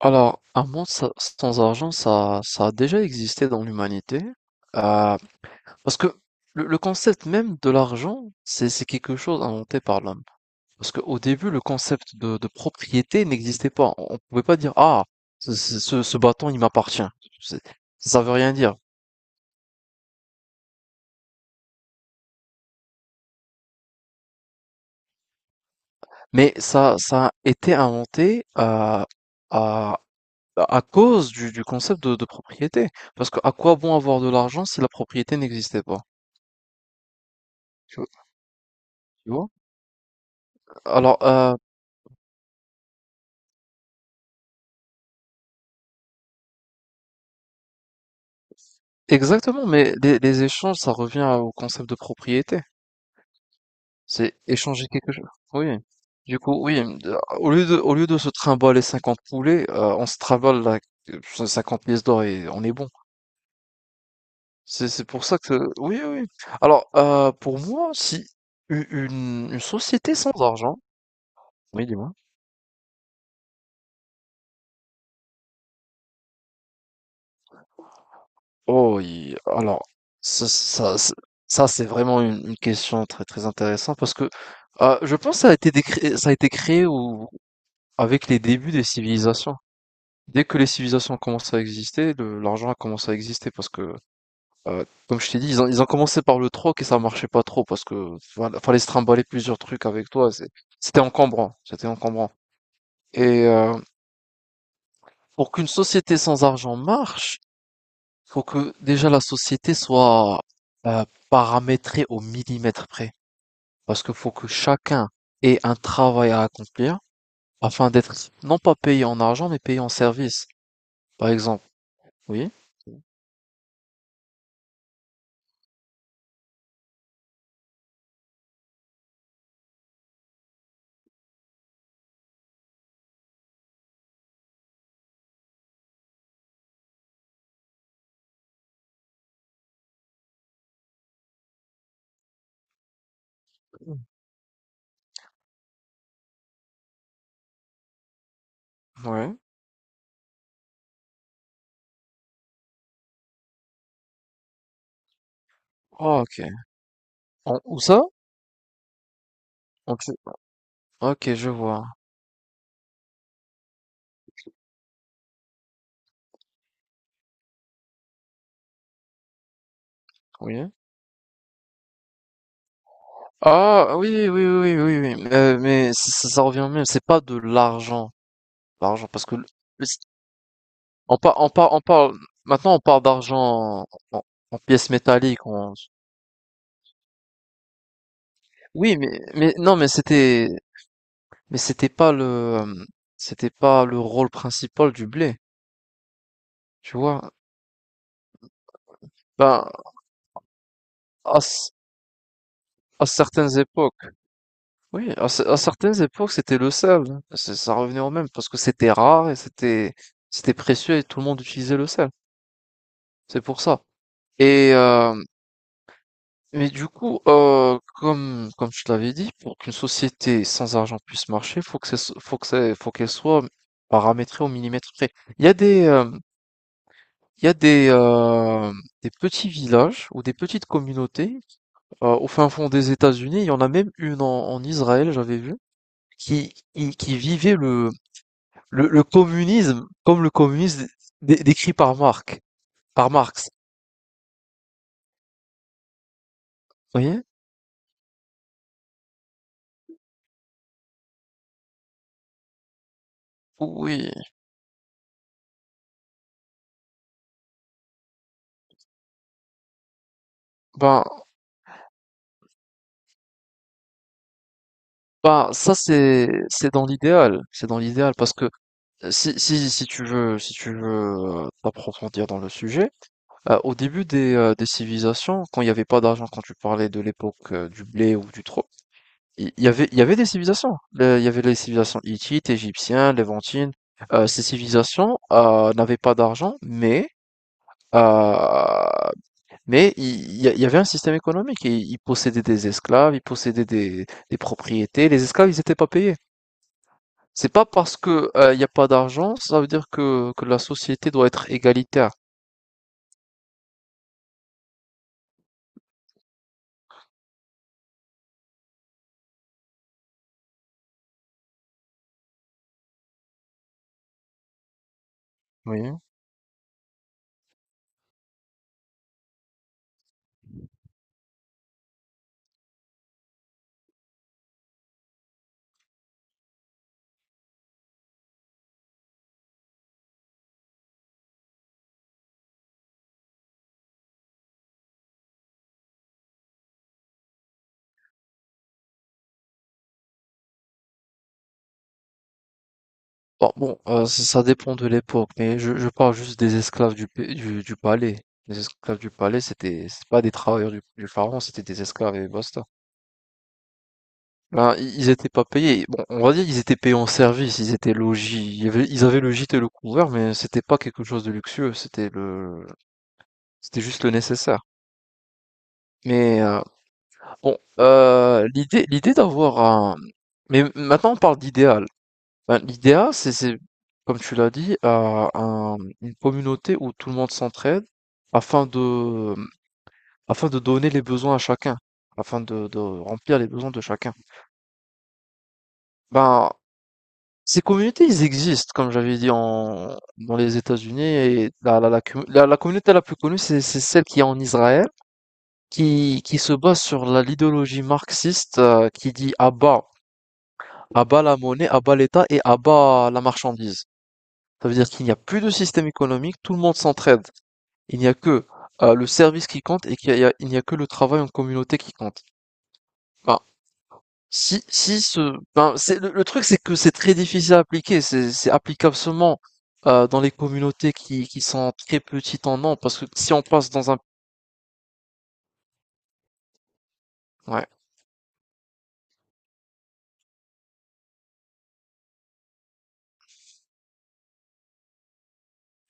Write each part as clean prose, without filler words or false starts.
Alors, un monde sans argent, ça a déjà existé dans l'humanité. Euh, parce que le concept même de l'argent, c'est quelque chose inventé par l'homme. Parce qu'au début, le concept de propriété n'existait pas. On ne pouvait pas dire, ah, ce bâton, il m'appartient. C'est- Ça veut rien dire. Mais ça a été inventé à, à cause du concept de propriété. Parce que à quoi bon avoir de l'argent si la propriété n'existait pas? Tu vois? tu vois alors, euh, Exactement, mais les échanges, ça revient au concept de propriété. C'est échanger quelque chose. Oui. Du coup, oui, au lieu au lieu de se trimballer 50 poulets, on se trimballe euh, 50 pièces d'or et on est bon. C'est pour ça que... Oui, oui, oui. Alors, pour moi, si une société sans argent... Oui, dis-moi. Oh, alors, ça, ça, ça- ça c'est vraiment une question très, très intéressante parce que je pense que ça a été ça a été créé au, avec les débuts des civilisations. Dès que les civilisations ont commencé à exister, l'argent a commencé à exister parce que, comme je t'ai dit, ils ont commencé par le troc et ça marchait pas trop parce que voilà, fallait se trimballer plusieurs trucs avec toi. C'était encombrant, c'était encombrant. Et pour qu'une société sans argent marche, faut que déjà la société soit euh, paramétrée au millimètre près parce que faut que chacun ait un travail à accomplir afin d'être non pas payé en argent mais payé en service. Par exemple, oui. Ouais. Oh, ok. Où ça? En Tu- Ok, je vois. Oui. Ah, oui, oui, oui, oui, oui, oui. Mais ça revient au même. C'est pas de l'argent. L'argent, parce que le- on parle. Maintenant, on parle d'argent en, en- en pièces métalliques. Oui, mais non, mais mais c'était pas c'était pas le rôle principal du blé. Tu vois? Ben, à, c- à certaines époques. Oui, à certaines époques, c'était le sel, hein. Ça revenait au même parce que c'était rare et c'était précieux et tout le monde utilisait le sel. C'est pour ça. Et mais du coup, comme je te l'avais dit, pour qu'une société sans argent puisse marcher, faut qu'elle soit paramétrée au millimètre près. Il y a des il y a des petits villages ou des petites communautés au fin fond des États-Unis. Il y en a même une en Israël, j'avais vu qui vivait le communisme, comme le communisme décrit par Marx, par Marx, vous voyez? Oui, ben, ben, ça c'est dans l'idéal parce que si si tu veux t'approfondir dans le sujet, au début des civilisations, quand il n'y avait pas d'argent, quand tu parlais de l'époque du blé ou du trou, il y avait des civilisations. Il y avait les civilisations hittites, égyptiennes, levantines. Ces civilisations n'avaient pas d'argent, mais euh, Mais il il y avait un système économique. Ils possédaient des esclaves, ils possédaient des propriétés. Les esclaves, ils n'étaient pas payés. C'est pas parce que, il n'y a pas d'argent, ça veut dire que la société doit être égalitaire. Oui. Bon, ça ça dépend de l'époque, mais je parle juste des esclaves du palais. Les esclaves du palais, c'est pas des travailleurs du pharaon, c'était des esclaves et basta. Ben, ils étaient pas payés. Bon, on va dire ils étaient payés en service, ils étaient logis, ils avaient le gîte et le couvert, mais c'était pas quelque chose de luxueux, c'était juste le nécessaire. Mais bon, l'idée d'avoir mais maintenant on parle d'idéal. Ben, l'idéal, comme tu l'as dit, une communauté où tout le monde s'entraide afin afin de donner les besoins à chacun, afin de remplir les besoins de chacun. Ben, ces communautés, ils existent, comme j'avais dit, dans les États-Unis. Et la communauté la plus connue, c'est celle qui est en Israël, qui se base sur l'idéologie marxiste, qui dit à bas la monnaie, à bas l'État et à bas la marchandise. Ça veut dire qu'il n'y a plus de système économique, tout le monde s'entraide. Il n'y a que le service qui compte et il n'y a que le travail en communauté qui compte. Ben, si, si ce, ben, c'est, le truc, c'est que c'est très difficile à appliquer. C'est applicable seulement dans les communautés qui sont très petites en nombre, parce que si on passe dans un... Ouais,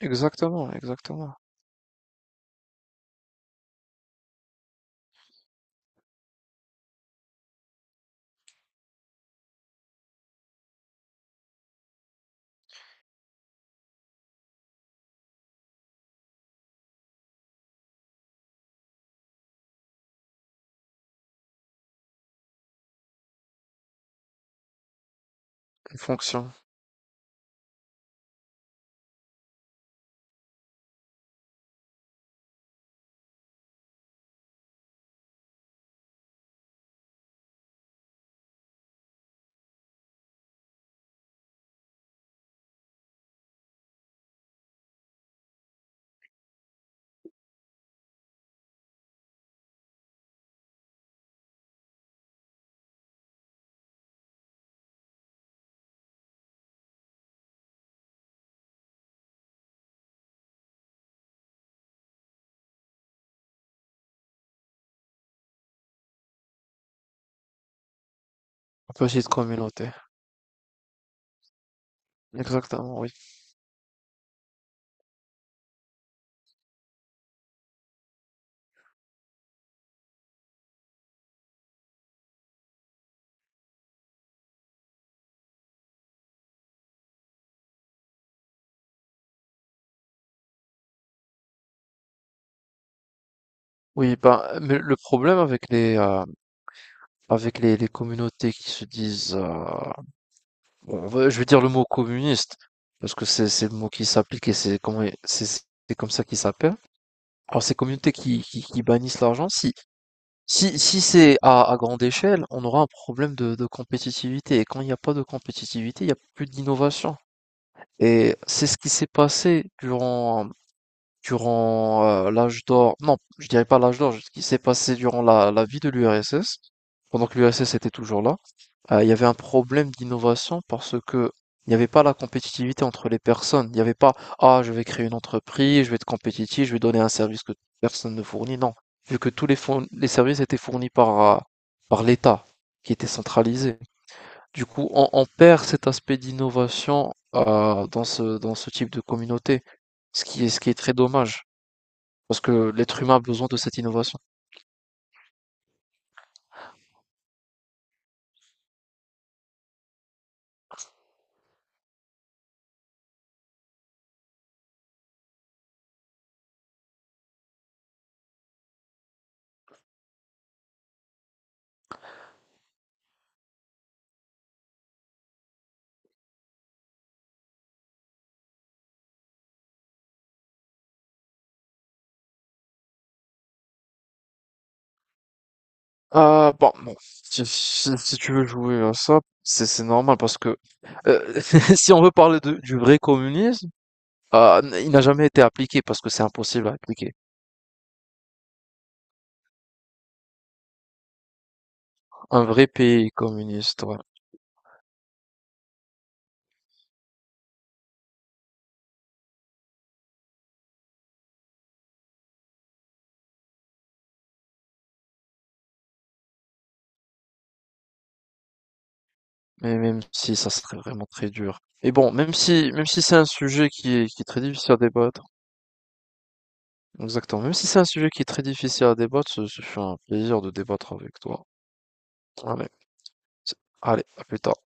exactement, exactement. Une fonction, une petite communauté. Exactement, oui. Oui, ben, mais le problème avec avec les communautés qui se disent... je vais dire le mot communiste, parce que c'est le mot qui s'applique et c'est comme ça qu'il s'appelle. Alors ces communautés qui bannissent l'argent, si c'est à grande échelle, on aura un problème de compétitivité. Et quand il n'y a pas de compétitivité, il n'y a plus d'innovation. Et c'est ce qui s'est passé durant l'âge d'or, non, je dirais pas l'âge d'or, ce qui s'est passé durant la vie de l'URSS, pendant que l'URSS était toujours là, il y avait un problème d'innovation parce que il n'y avait pas la compétitivité entre les personnes. Il n'y avait pas, ah, je vais créer une entreprise, je vais être compétitif, je vais donner un service que personne ne fournit. Non, vu que les services étaient fournis par, par l'État, qui était centralisé. Du coup, on perd cet aspect d'innovation dans dans ce type de communauté, ce qui est très dommage. Parce que l'être humain a besoin de cette innovation. Ah, bon, si tu veux jouer à ça, c'est normal parce que euh, si on veut parler du vrai communisme, ah, il n'a jamais été appliqué parce que c'est impossible à appliquer. Un vrai pays communiste, ouais. Mais même si ça serait vraiment très dur. Et bon, même si c'est un sujet qui est très difficile à débattre, exactement, même si c'est un sujet qui est très difficile à débattre, ce fut un plaisir de débattre avec toi. Allez, c'est- allez, à plus tard.